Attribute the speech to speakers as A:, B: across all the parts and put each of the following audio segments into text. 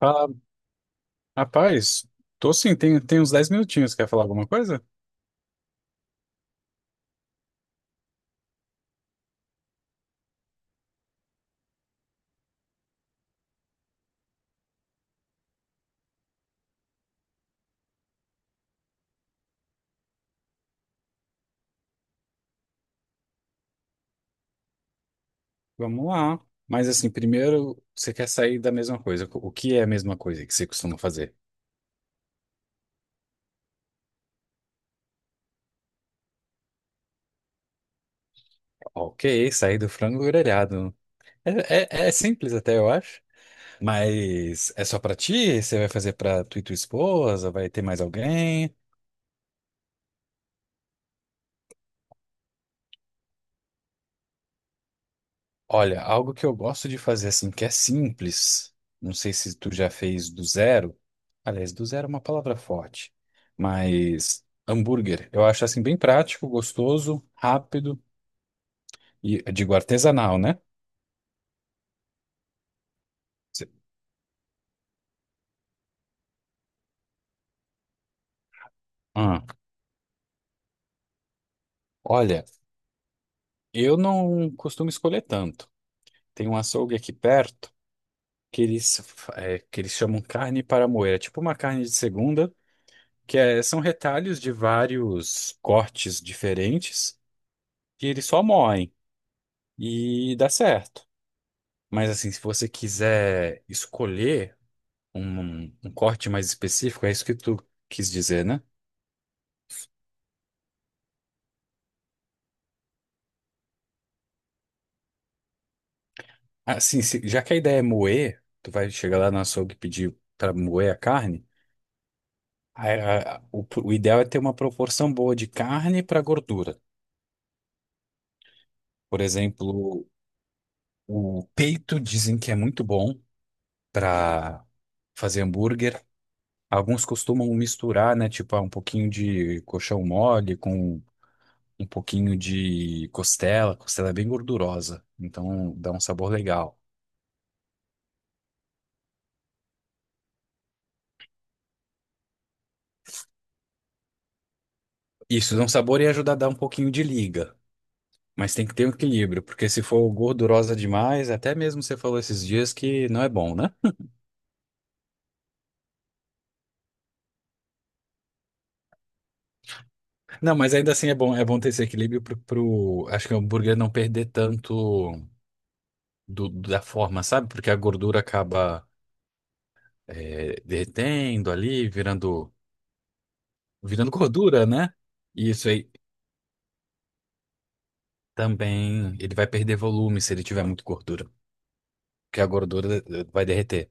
A: Ah, rapaz, tô sim, tem uns 10 minutinhos. Quer falar alguma coisa? Vamos lá. Mas assim, primeiro você quer sair da mesma coisa. O que é a mesma coisa que você costuma fazer? Ok, sair do frango grelhado. É, é simples até, eu acho. Mas é só pra ti? Você vai fazer pra tu e tua esposa? Vai ter mais alguém? Olha, algo que eu gosto de fazer assim, que é simples, não sei se tu já fez do zero. Aliás, do zero é uma palavra forte, mas hambúrguer, eu acho assim bem prático, gostoso, rápido e digo artesanal, né? Cê- Ah, olha, eu não costumo escolher tanto. Tem um açougue aqui perto que eles chamam carne para moer, é tipo uma carne de segunda, que são retalhos de vários cortes diferentes que eles só moem. E dá certo. Mas assim, se você quiser escolher um corte mais específico, é isso que tu quis dizer, né? Assim, já que a ideia é moer, tu vai chegar lá no açougue e pedir para moer a carne, a- o ideal é ter uma proporção boa de carne para gordura. Por exemplo, o peito dizem que é muito bom para fazer hambúrguer. Alguns costumam misturar, né? Tipo, ah, um pouquinho de coxão mole com um pouquinho de costela. Costela é bem gordurosa, então dá um sabor legal. Isso, dá um sabor e ajuda a dar um pouquinho de liga. Mas tem que ter um equilíbrio, porque se for gordurosa demais, até mesmo você falou esses dias que não é bom, né? Não, mas ainda assim é bom ter esse equilíbrio acho que o hambúrguer não perder tanto da forma, sabe? Porque a gordura acaba, derretendo ali, virando gordura, né? E isso aí também, ele vai perder volume se ele tiver muito gordura. Que a gordura, vai derreter.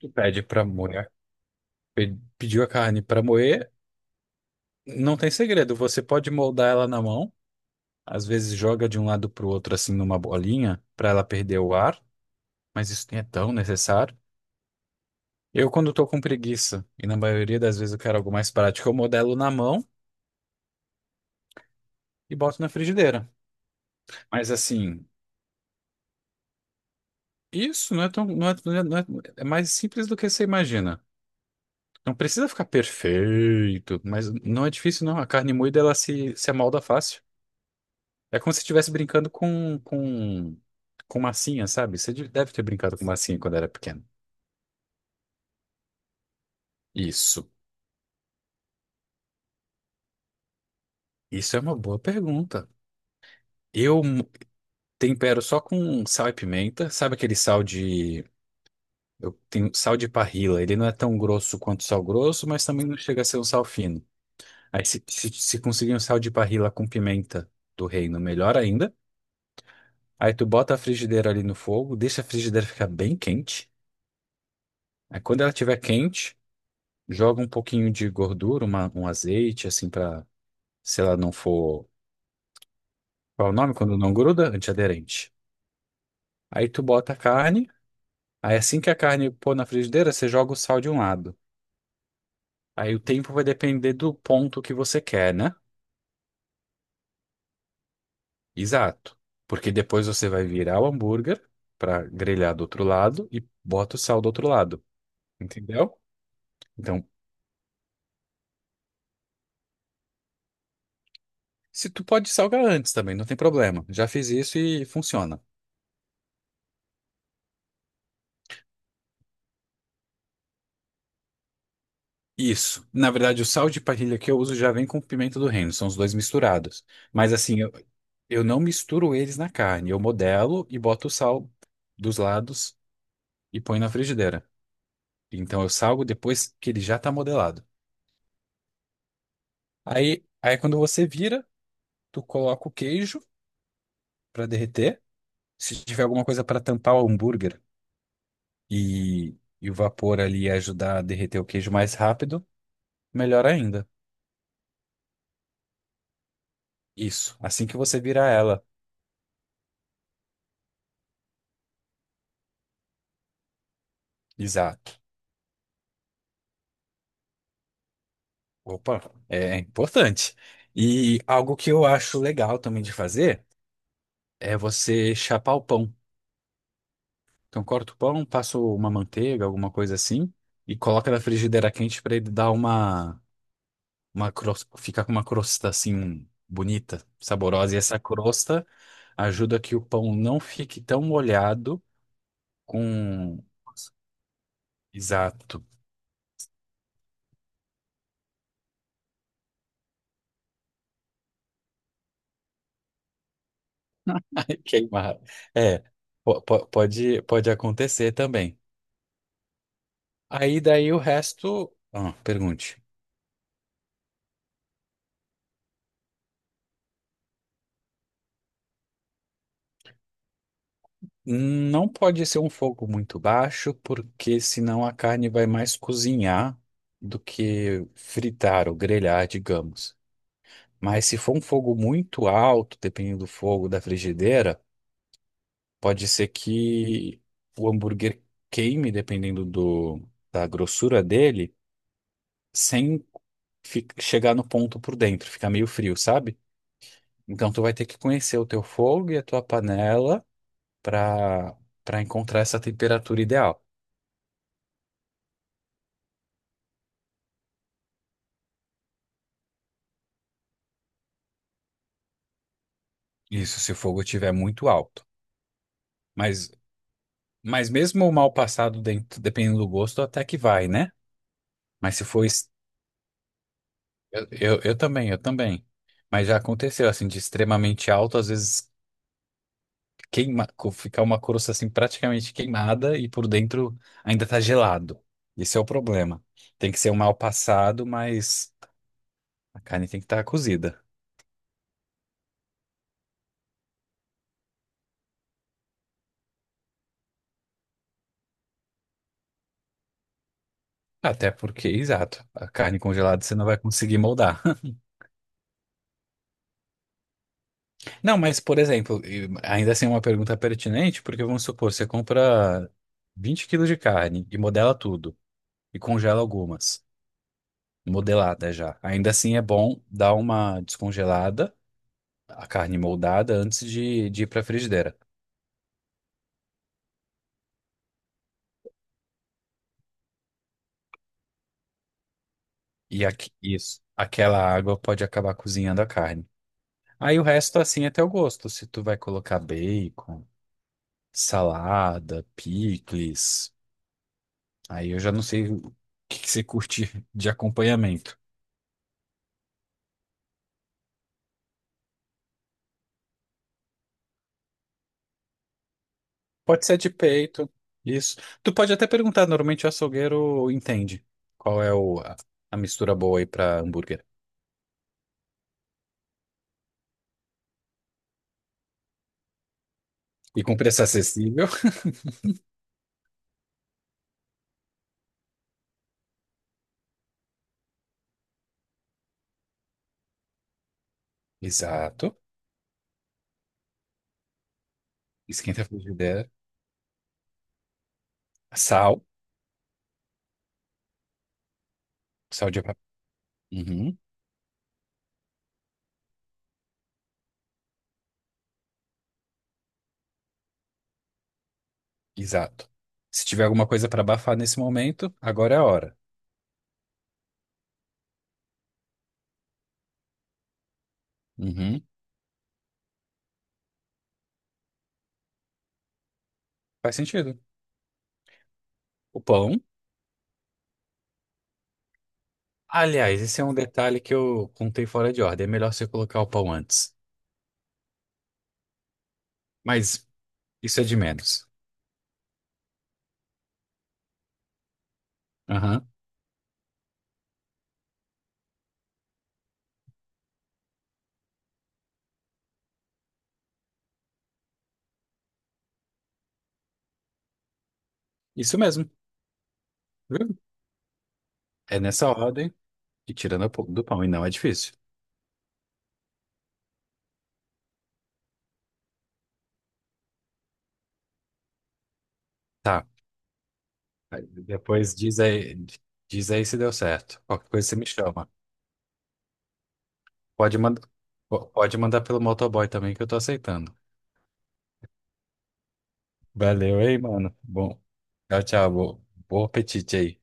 A: Tu pede pra moer, pediu a carne pra moer, não tem segredo, você pode moldar ela na mão, às vezes joga de um lado pro outro assim numa bolinha pra ela perder o ar, mas isso nem é tão necessário. Eu quando tô com preguiça, e na maioria das vezes eu quero algo mais prático, eu modelo na mão e boto na frigideira. Mas assim, isso não é tão, não é, não é, não é é mais simples do que você imagina. Não precisa ficar perfeito, mas não é difícil não, a carne moída ela se amolda fácil. É como se estivesse brincando com massinha, sabe? Você deve ter brincado com massinha quando era pequeno. Isso. Isso é uma boa pergunta. Eu tempero só com sal e pimenta. Sabe aquele sal de. Eu tenho sal de parrila. Ele não é tão grosso quanto sal grosso, mas também não chega a ser um sal fino. Aí se conseguir um sal de parrila com pimenta do reino, melhor ainda. Aí tu bota a frigideira ali no fogo, deixa a frigideira ficar bem quente. Aí quando ela estiver quente. Joga um pouquinho de gordura, um azeite, assim, pra, se ela não for. Qual é o nome? Quando não gruda? Antiaderente. Aí tu bota a carne. Aí assim que a carne pôr na frigideira, você joga o sal de um lado. Aí o tempo vai depender do ponto que você quer, né? Exato. Porque depois você vai virar o hambúrguer pra grelhar do outro lado e bota o sal do outro lado. Entendeu? Então, se tu pode salgar antes também, não tem problema. Já fiz isso e funciona. Isso. Na verdade, o sal de parrilha que eu uso já vem com pimenta do reino, são os dois misturados. Mas assim, eu não misturo eles na carne, eu modelo e boto o sal dos lados e põe na frigideira. Então eu salgo depois que ele já tá modelado. Aí quando você vira, tu coloca o queijo para derreter. Se tiver alguma coisa para tampar o hambúrguer e, e o vapor ali ajudar a derreter o queijo mais rápido, melhor ainda. Isso. Assim que você virar ela. Exato. Opa, é importante. E algo que eu acho legal também de fazer é você chapar o pão. Então, corta o pão, passa uma manteiga, alguma coisa assim, e coloca na frigideira quente para ele dar uma cros- ficar com uma crosta assim bonita, saborosa. E essa crosta ajuda que o pão não fique tão molhado com. Exato. Queimar. É, pode acontecer também. Aí daí o resto. Ah, pergunte. Não pode ser um fogo muito baixo, porque senão a carne vai mais cozinhar do que fritar ou grelhar, digamos. Mas se for um fogo muito alto, dependendo do fogo da frigideira, pode ser que o hambúrguer queime, dependendo da grossura dele, sem chegar no ponto por dentro, ficar meio frio, sabe? Então tu vai ter que conhecer o teu fogo e a tua panela para para encontrar essa temperatura ideal. Isso, se o fogo estiver muito alto. Mas, mas mesmo o mal passado, dentro, dependendo do gosto, até que vai, né? Mas se for. Eu também, eu também. Mas já aconteceu, assim, de extremamente alto, às vezes queima, ficar uma crosta, assim, praticamente queimada e por dentro ainda tá gelado. Esse é o problema. Tem que ser um mal passado, mas a carne tem que estar cozida. Até porque, exato, a carne congelada você não vai conseguir moldar. Não, mas, por exemplo, e ainda assim é uma pergunta pertinente, porque vamos supor, você compra 20 quilos de carne e modela tudo, e congela algumas, modelada já. Ainda assim é bom dar uma descongelada, a carne moldada, antes de ir para a frigideira. E aqui, isso, aquela água pode acabar cozinhando a carne. Aí o resto, assim, é teu gosto. Se tu vai colocar bacon, salada, picles, aí eu já não sei o que que você curte de acompanhamento. Pode ser de peito, isso. Tu pode até perguntar, normalmente o açougueiro entende qual é a mistura boa aí pra hambúrguer. E com preço acessível. Exato. Esquenta a frigideira. Sal. Sal de... Uhum. Exato. Se tiver alguma coisa pra abafar nesse momento, agora é a hora. Uhum. Faz sentido. O pão. Aliás, esse é um detalhe que eu contei fora de ordem. É melhor você colocar o pão antes. Mas isso é de menos. Aham. Isso mesmo. Viu? É nessa ordem. E tirando a do pão, e não é difícil. Tá. Aí depois diz aí se deu certo. Qualquer coisa você me chama. Pode mandar, pode mandar pelo motoboy também que eu tô aceitando. Valeu, hein, mano. Bom, tchau, tchau. Bom apetite aí.